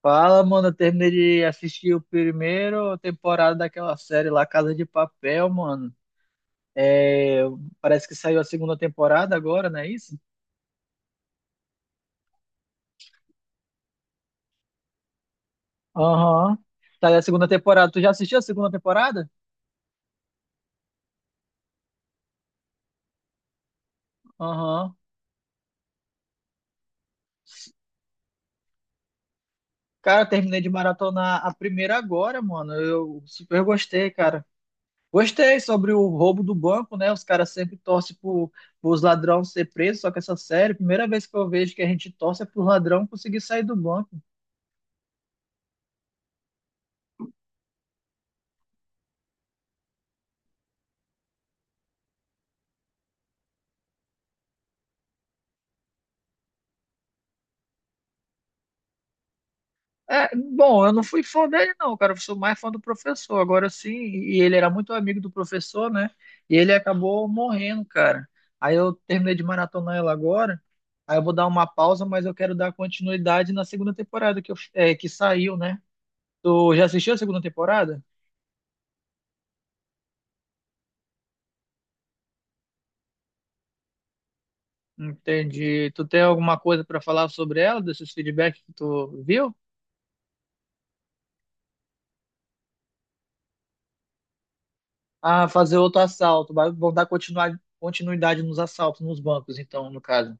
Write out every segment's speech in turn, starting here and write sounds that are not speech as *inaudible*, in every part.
Fala, mano. Eu terminei de assistir o primeiro temporada daquela série lá, Casa de Papel, mano. É, parece que saiu a segunda temporada agora, não é isso? Aham. Saiu a segunda temporada. Tu já assistiu a segunda temporada? Aham. Cara, eu terminei de maratonar a primeira agora, mano. Eu super gostei, cara. Gostei sobre o roubo do banco, né? Os caras sempre torcem pros ladrões ser presos, só que essa série, primeira vez que eu vejo que a gente torce é pro ladrão conseguir sair do banco. É, bom, eu não fui fã dele, não, cara. Eu sou mais fã do professor. Agora sim, e ele era muito amigo do professor, né? E ele acabou morrendo, cara. Aí eu terminei de maratonar ela agora. Aí eu vou dar uma pausa, mas eu quero dar continuidade na segunda temporada que, é, que saiu, né? Tu já assistiu a segunda temporada? Entendi. Tu tem alguma coisa pra falar sobre ela, desses feedbacks que tu viu? Ah, fazer outro assalto. Vão dar continuidade nos assaltos, nos bancos, então, no caso.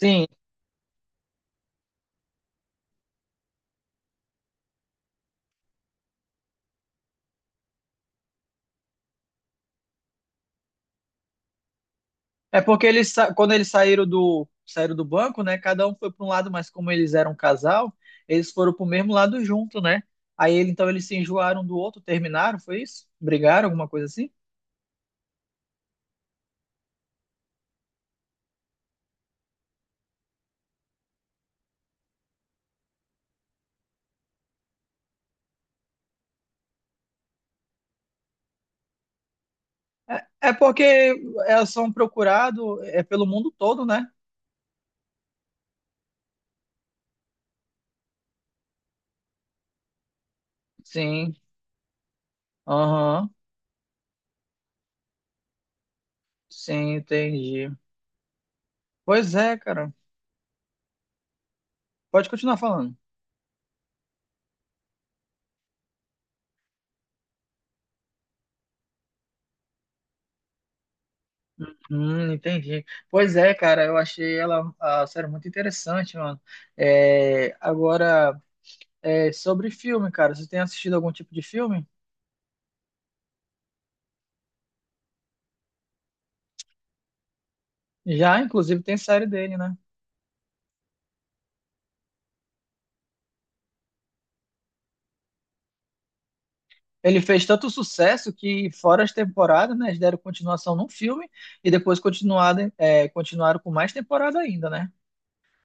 Sim. É porque eles, quando eles saíram saíram do banco, né? Cada um foi para um lado, mas como eles eram um casal, eles foram para o mesmo lado junto, né? Aí então eles se enjoaram do outro, terminaram, foi isso? Brigaram, alguma coisa assim? É, é porque elas são procurados é, pelo mundo todo, né? Sim, aham, sim, entendi. Pois é, cara. Pode continuar falando. Entendi. Pois é, cara, eu achei ela, a série muito interessante, mano. É, agora. É, sobre filme, cara. Você tem assistido algum tipo de filme? Já, inclusive, tem série dele, né? Ele fez tanto sucesso que, fora as temporadas, né, eles deram continuação num filme e depois continuado, é, continuaram com mais temporada ainda, né?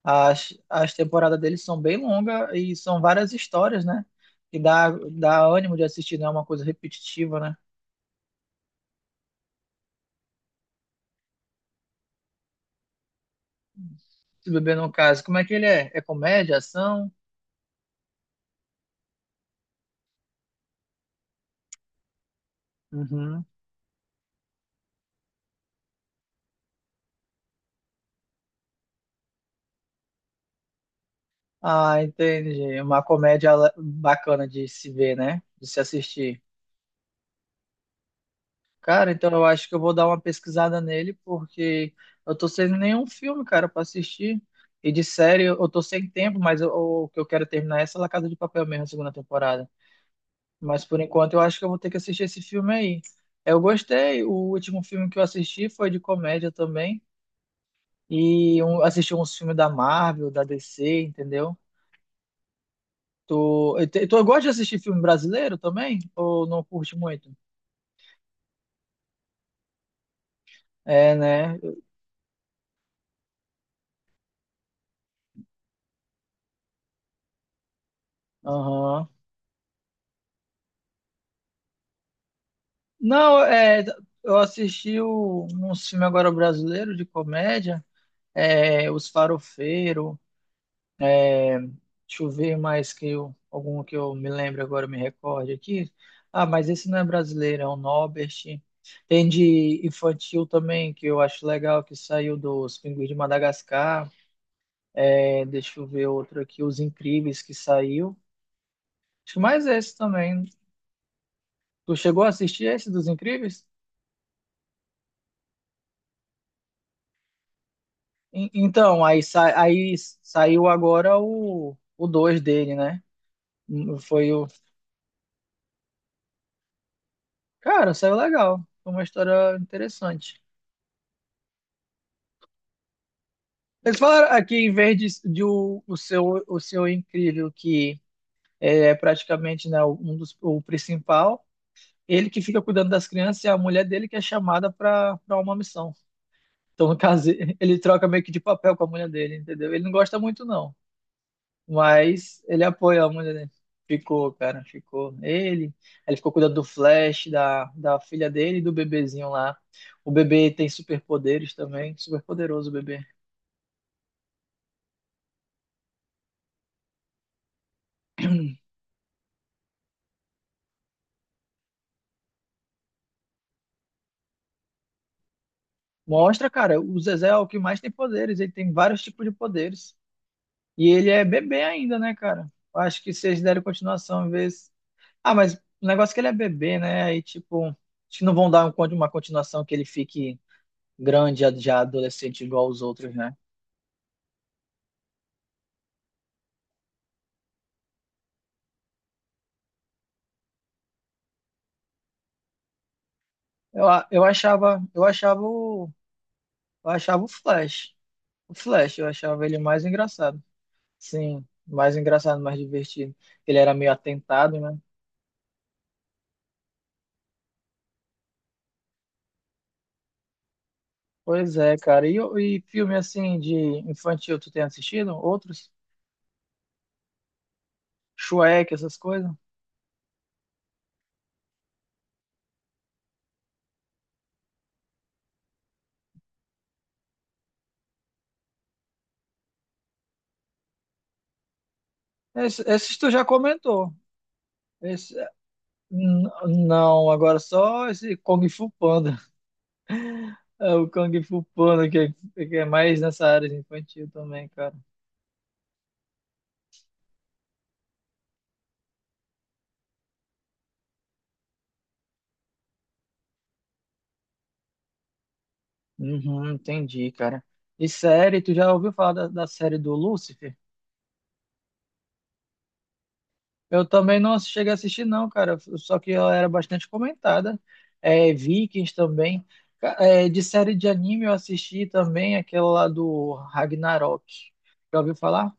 As temporadas dele são bem longas e são várias histórias, né? Que dá, dá ânimo de assistir, não é uma coisa repetitiva, né? Se beber no caso, como é que ele é? É comédia, ação? Uhum. Ah, entendi. Uma comédia bacana de se ver, né? De se assistir. Cara, então eu acho que eu vou dar uma pesquisada nele, porque eu tô sem nenhum filme, cara, pra assistir. E de série eu tô sem tempo, mas o que eu quero terminar é essa La Casa de Papel mesmo, a segunda temporada. Mas por enquanto eu acho que eu vou ter que assistir esse filme aí. Eu gostei, o último filme que eu assisti foi de comédia também. E um, assisti uns filmes da Marvel, da DC, entendeu? Tu, eu, tu gosta de assistir filme brasileiro também? Ou não curte muito? É, né? Aham. Não, é, eu assisti o, um filme agora brasileiro de comédia, é, Os Farofeiro, deixa eu ver mais que eu, algum que eu me lembro agora, me recorde aqui. Ah, mas esse não é brasileiro, é o Norbert. Tem de infantil também, que eu acho legal, que saiu dos Pinguins de Madagascar. É, deixa eu ver outro aqui, Os Incríveis, que saiu. Acho que mais esse também. Tu chegou a assistir esse dos Incríveis? Então, aí, aí saiu agora o 2 dele, né? Foi o. Cara, saiu legal. Foi uma história interessante. Eles falaram aqui, em vez de, o seu o seu incrível, que é praticamente né, um dos, o principal, ele que fica cuidando das crianças e a mulher dele que é chamada para uma missão. Então, no caso, *laughs* ele troca meio que de papel com a mulher dele, entendeu? Ele não gosta muito, não. Mas ele apoia muito, né? Ficou, cara, ficou. Ele ficou cuidando do Flash, da filha dele e do bebezinho lá. O bebê tem superpoderes também, super poderoso o bebê. Mostra, cara, o Zezé é o que mais tem poderes, ele tem vários tipos de poderes. E ele é bebê ainda, né, cara? Acho que se eles derem continuação, às vezes. Ah, mas o negócio é que ele é bebê, né? Aí, tipo, acho que não vão dar uma continuação que ele fique grande, já já adolescente, igual os outros, né? Eu, eu achava, eu achava o Flash. O Flash, eu achava ele mais engraçado. Sim, mais engraçado, mais divertido. Ele era meio atentado, né? Pois é, cara. E, e filme assim de infantil, tu tem assistido? Outros? Shrek, essas coisas? Esse- esses, tu já comentou. Esse, n- não, agora só esse Kung Fu Panda. *laughs* É o Kung Fu Panda que é mais nessa área de infantil também, cara. Uhum, entendi, cara. E série, tu já ouviu falar da, da série do Lúcifer? Eu também não cheguei a assistir, não, cara. Só que ela era bastante comentada. É, Vikings também. É, de série de anime eu assisti também aquela lá do Ragnarok. Já ouviu falar?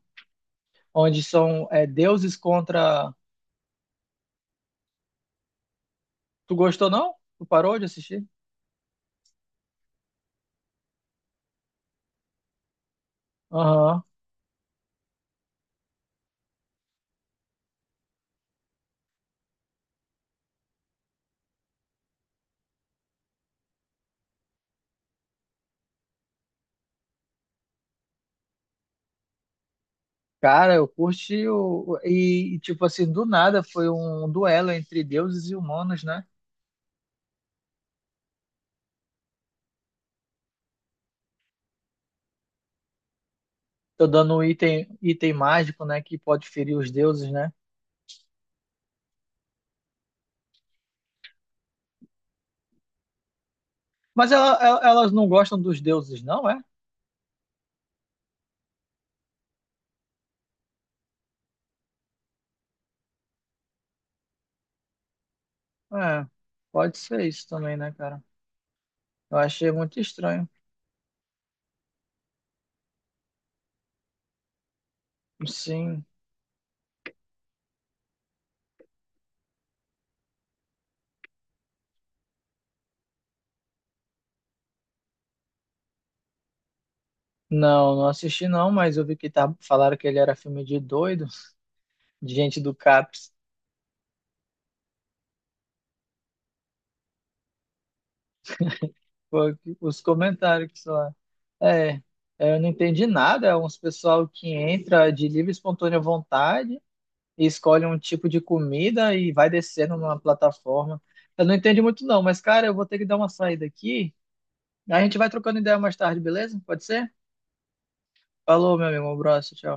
Onde são é, deuses contra. Tu gostou, não? Tu parou de assistir? Aham. Cara, eu curti o... e, tipo assim, do nada foi um duelo entre deuses e humanos, né? Tô dando um item, item mágico, né? Que pode ferir os deuses, né? Mas elas não gostam dos deuses, não é? É, pode ser isso também, né, cara? Eu achei muito estranho. Sim. Não, não assisti não, mas eu vi que tá, falaram que ele era filme de doido, de gente do CAPS. Foi o os comentários que lá. É, é, eu não entendi nada. É uns pessoal que entra de livre e espontânea vontade e escolhe um tipo de comida e vai descendo numa plataforma. Eu não entendi muito não, mas cara, eu vou ter que dar uma saída aqui. A gente vai trocando ideia mais tarde, beleza? Pode ser? Falou, meu amigo, um abraço, tchau.